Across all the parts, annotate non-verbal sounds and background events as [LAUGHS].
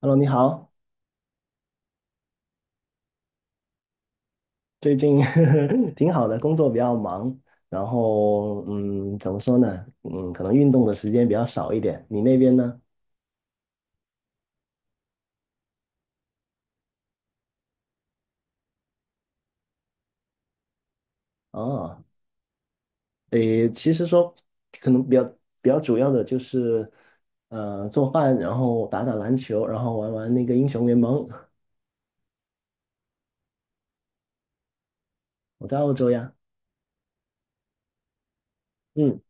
Hello，你好，最近 [LAUGHS] 挺好的，工作比较忙，然后怎么说呢？嗯，可能运动的时间比较少一点。你那边呢？哦，诶，其实说可能比较主要的就是做饭，然后打打篮球，然后玩玩那个英雄联盟。我在澳洲呀，嗯，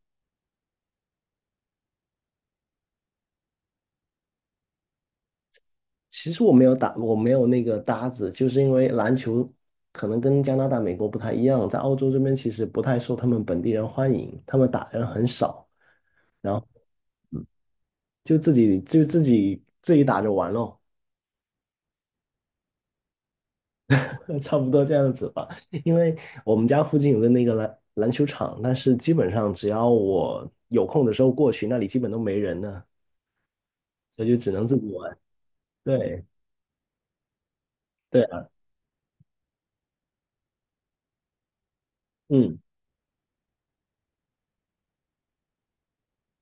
其实我没有打，我没有那个搭子，就是因为篮球可能跟加拿大、美国不太一样，在澳洲这边其实不太受他们本地人欢迎，他们打人很少。然后。就自己自己打着玩咯，[LAUGHS] 差不多这样子吧。因为我们家附近有个那个篮球场，但是基本上只要我有空的时候过去，那里基本都没人呢，所以就只能自己玩。对，对啊，嗯，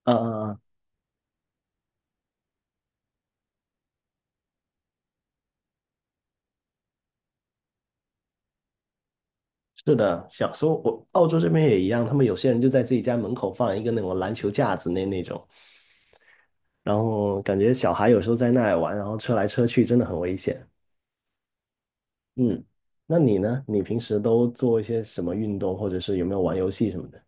呃，啊啊，是的，小时候我澳洲这边也一样，他们有些人就在自己家门口放一个那种篮球架子那种，然后感觉小孩有时候在那里玩，然后车来车去真的很危险。嗯，那你呢？你平时都做一些什么运动，或者是有没有玩游戏什么的？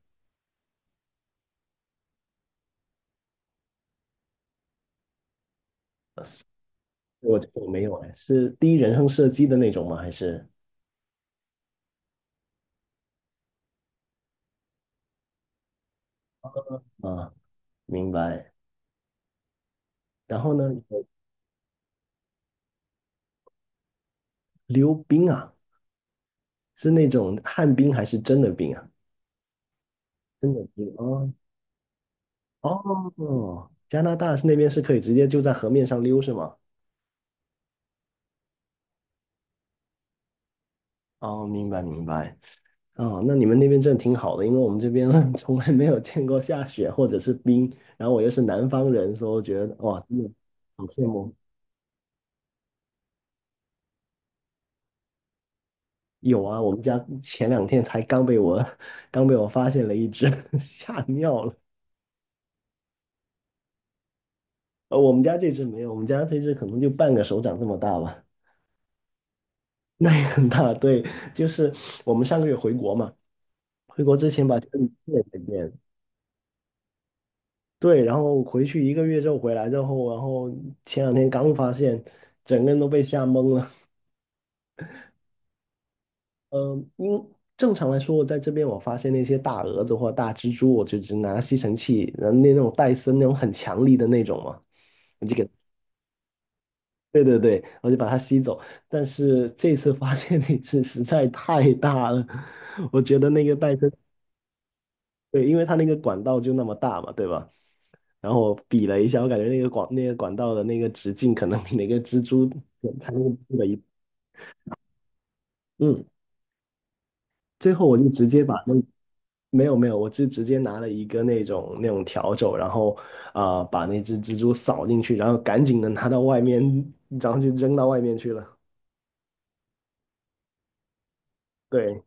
我没有哎，是第一人称射击的那种吗？还是啊，明白。然后呢，有，溜冰啊，是那种旱冰还是真的冰啊？真的冰哦，哦，加拿大是那边是可以直接就在河面上溜是吗？哦，明白明白。哦，那你们那边真的挺好的，因为我们这边 [LAUGHS] 从来没有见过下雪或者是冰，然后我又是南方人，所以我觉得哇，真的好羡慕。有啊，我们家前两天才刚被我 [LAUGHS] 刚被我发现了一只，[LAUGHS] 吓尿了。呃，我们家这只没有，我们家这只可能就半个手掌这么大吧，那也很大。对，就是我们上个月回国嘛，回国之前把家里见了一遍，对，然后回去一个月之后回来之后，然后前两天刚发现，整个人都被吓懵了。嗯，因正常来说，在这边我发现那些大蛾子或大蜘蛛，我就只拿吸尘器，然后那种戴森那种很强力的那种嘛。就给。对对对，我就把它吸走。但是这次发现那只实在太大了，我觉得那个袋森，对，因为它那个管道就那么大嘛，对吧？然后我比了一下，我感觉那个管道的那个直径可能比那个蜘蛛才那个蜘蛛的一，嗯，最后我就直接把那没有，我就直接拿了一个那种笤帚，然后啊、把那只蜘蛛扫进去，然后赶紧的拿到外面，然后就扔到外面去了。对，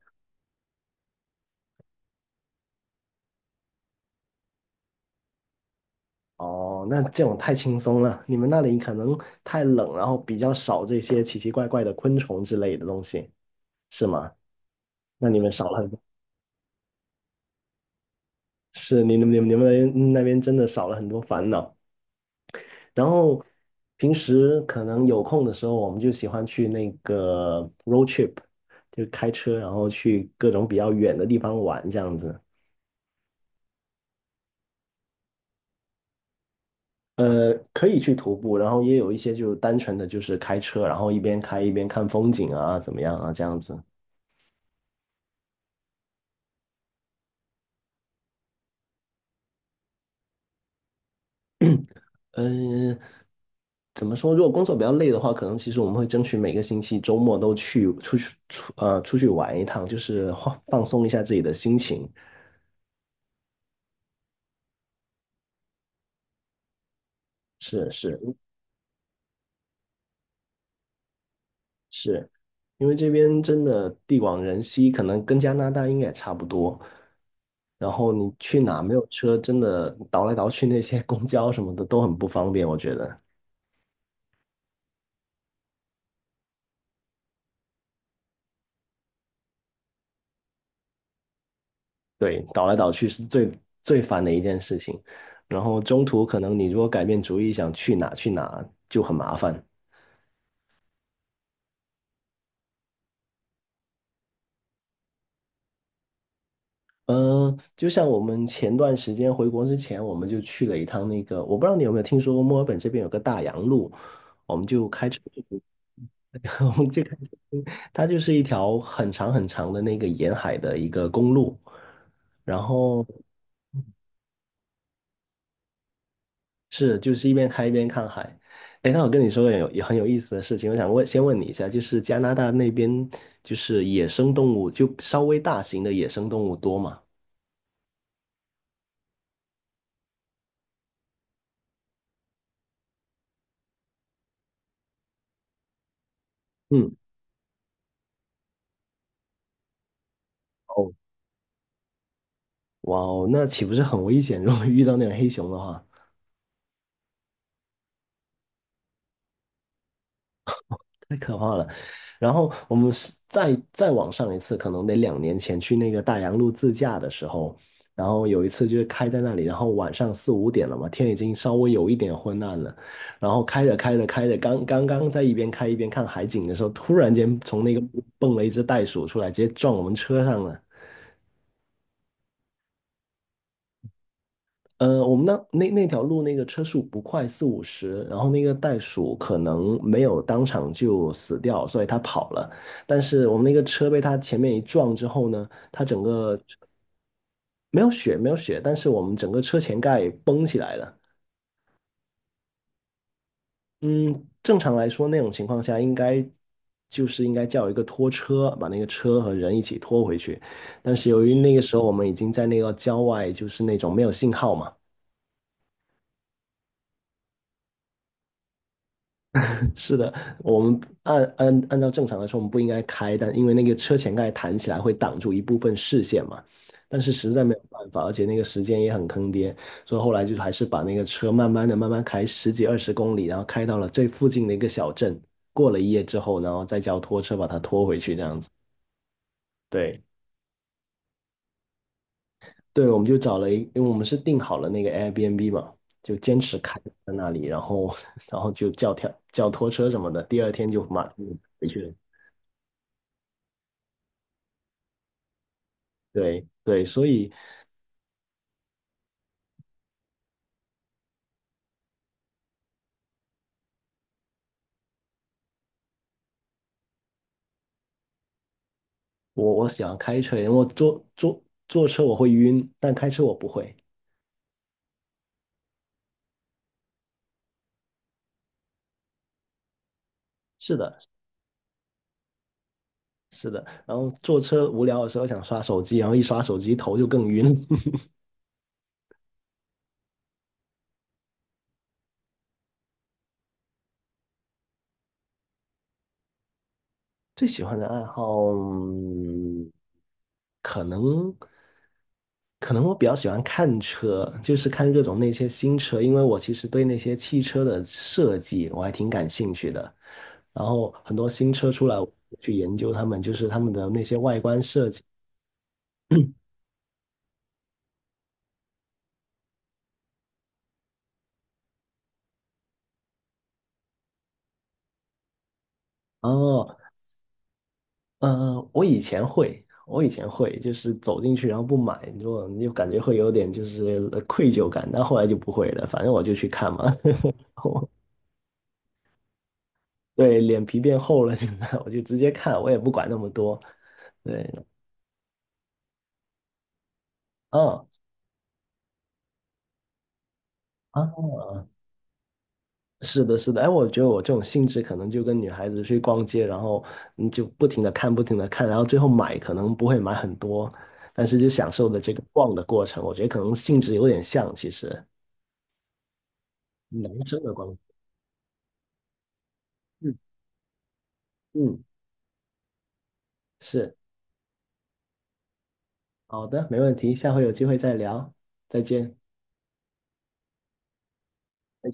哦，那这种太轻松了，你们那里可能太冷，然后比较少这些奇奇怪怪的昆虫之类的东西，是吗？那你们少了很多，是，你们那边真的少了很多烦恼。然后平时可能有空的时候，我们就喜欢去那个 road trip，就开车，然后去各种比较远的地方玩这样子。呃，可以去徒步，然后也有一些就单纯的就是开车，然后一边开一边看风景啊，怎么样啊，这样子。[CLEARS THROAT] 嗯，怎么说？如果工作比较累的话，可能其实我们会争取每个星期周末都去出去玩一趟，就是放放松一下自己的心情。是，是是，因为这边真的地广人稀，可能跟加拿大应该也差不多。然后你去哪没有车，真的倒来倒去，那些公交什么的都很不方便，我觉得。对，倒来倒去是最烦的一件事情。然后中途可能你如果改变主意想去哪去哪就很麻烦。嗯，就像我们前段时间回国之前，我们就去了一趟那个，我不知道你有没有听说过墨尔本这边有个大洋路，我们就开车去，[LAUGHS] 我们就开车去，它就是一条很长很长的那个沿海的一个公路，然后是就是一边开一边看海。哎，那我跟你说个有也很有意思的事情，我想先问你一下，就是加拿大那边就是野生动物，就稍微大型的野生动物多吗？嗯，哦。哇哦，那岂不是很危险？[LAUGHS] 如果遇到那种黑熊的话，太可怕了。然后我们是再往上一次，可能得两年前去那个大洋路自驾的时候，然后有一次就是开在那里，然后晚上四五点了嘛，天已经稍微有一点昏暗了，然后开着刚在一边开一边看海景的时候，突然间从那个蹦了一只袋鼠出来，直接撞我们车上了。呃，我们那条路那个车速不快，四五十，然后那个袋鼠可能没有当场就死掉，所以它跑了。但是我们那个车被它前面一撞之后呢，它整个没有血，但是我们整个车前盖崩起来了。嗯，正常来说那种情况下应该叫一个拖车，把那个车和人一起拖回去。但是由于那个时候我们已经在那个郊外，就是那种没有信号嘛。是的，我们按照正常来说，我们不应该开，但因为那个车前盖弹起来会挡住一部分视线嘛，但是实在没有办法，而且那个时间也很坑爹，所以后来就还是把那个车慢慢的、慢慢开十几二十公里，然后开到了最附近的一个小镇，过了一夜之后，然后再叫拖车把它拖回去，这样子。对对，我们就找了一，因为我们是订好了那个 Airbnb 嘛，就坚持开在那里，然后 [LAUGHS] 然后就叫拖车什么的，第二天就马上回去了。对对，所以我喜欢开车，因为我坐坐坐车我会晕，但开车我不会。是的，是的。然后坐车无聊的时候想刷手机，然后一刷手机头就更晕。[LAUGHS] 最喜欢的爱好，嗯，可能可能我比较喜欢看车，就是看各种那些新车，因为我其实对那些汽车的设计我还挺感兴趣的。然后很多新车出来，我去研究他们，就是他们的那些外观设计。哦，呃，我以前会，我以前会，就是走进去然后不买，你就感觉会有点就是愧疚感，但后来就不会了，反正我就去看嘛。[LAUGHS] 我对，脸皮变厚了，现在我就直接看，我也不管那么多。对，嗯，啊，是的，是的，哎，我觉得我这种性质可能就跟女孩子去逛街，然后你就不停的看，不停的看，然后最后买可能不会买很多，但是就享受的这个逛的过程，我觉得可能性质有点像，其实男生的逛。嗯嗯，是，好的，没问题，下回有机会再聊，再见。再见。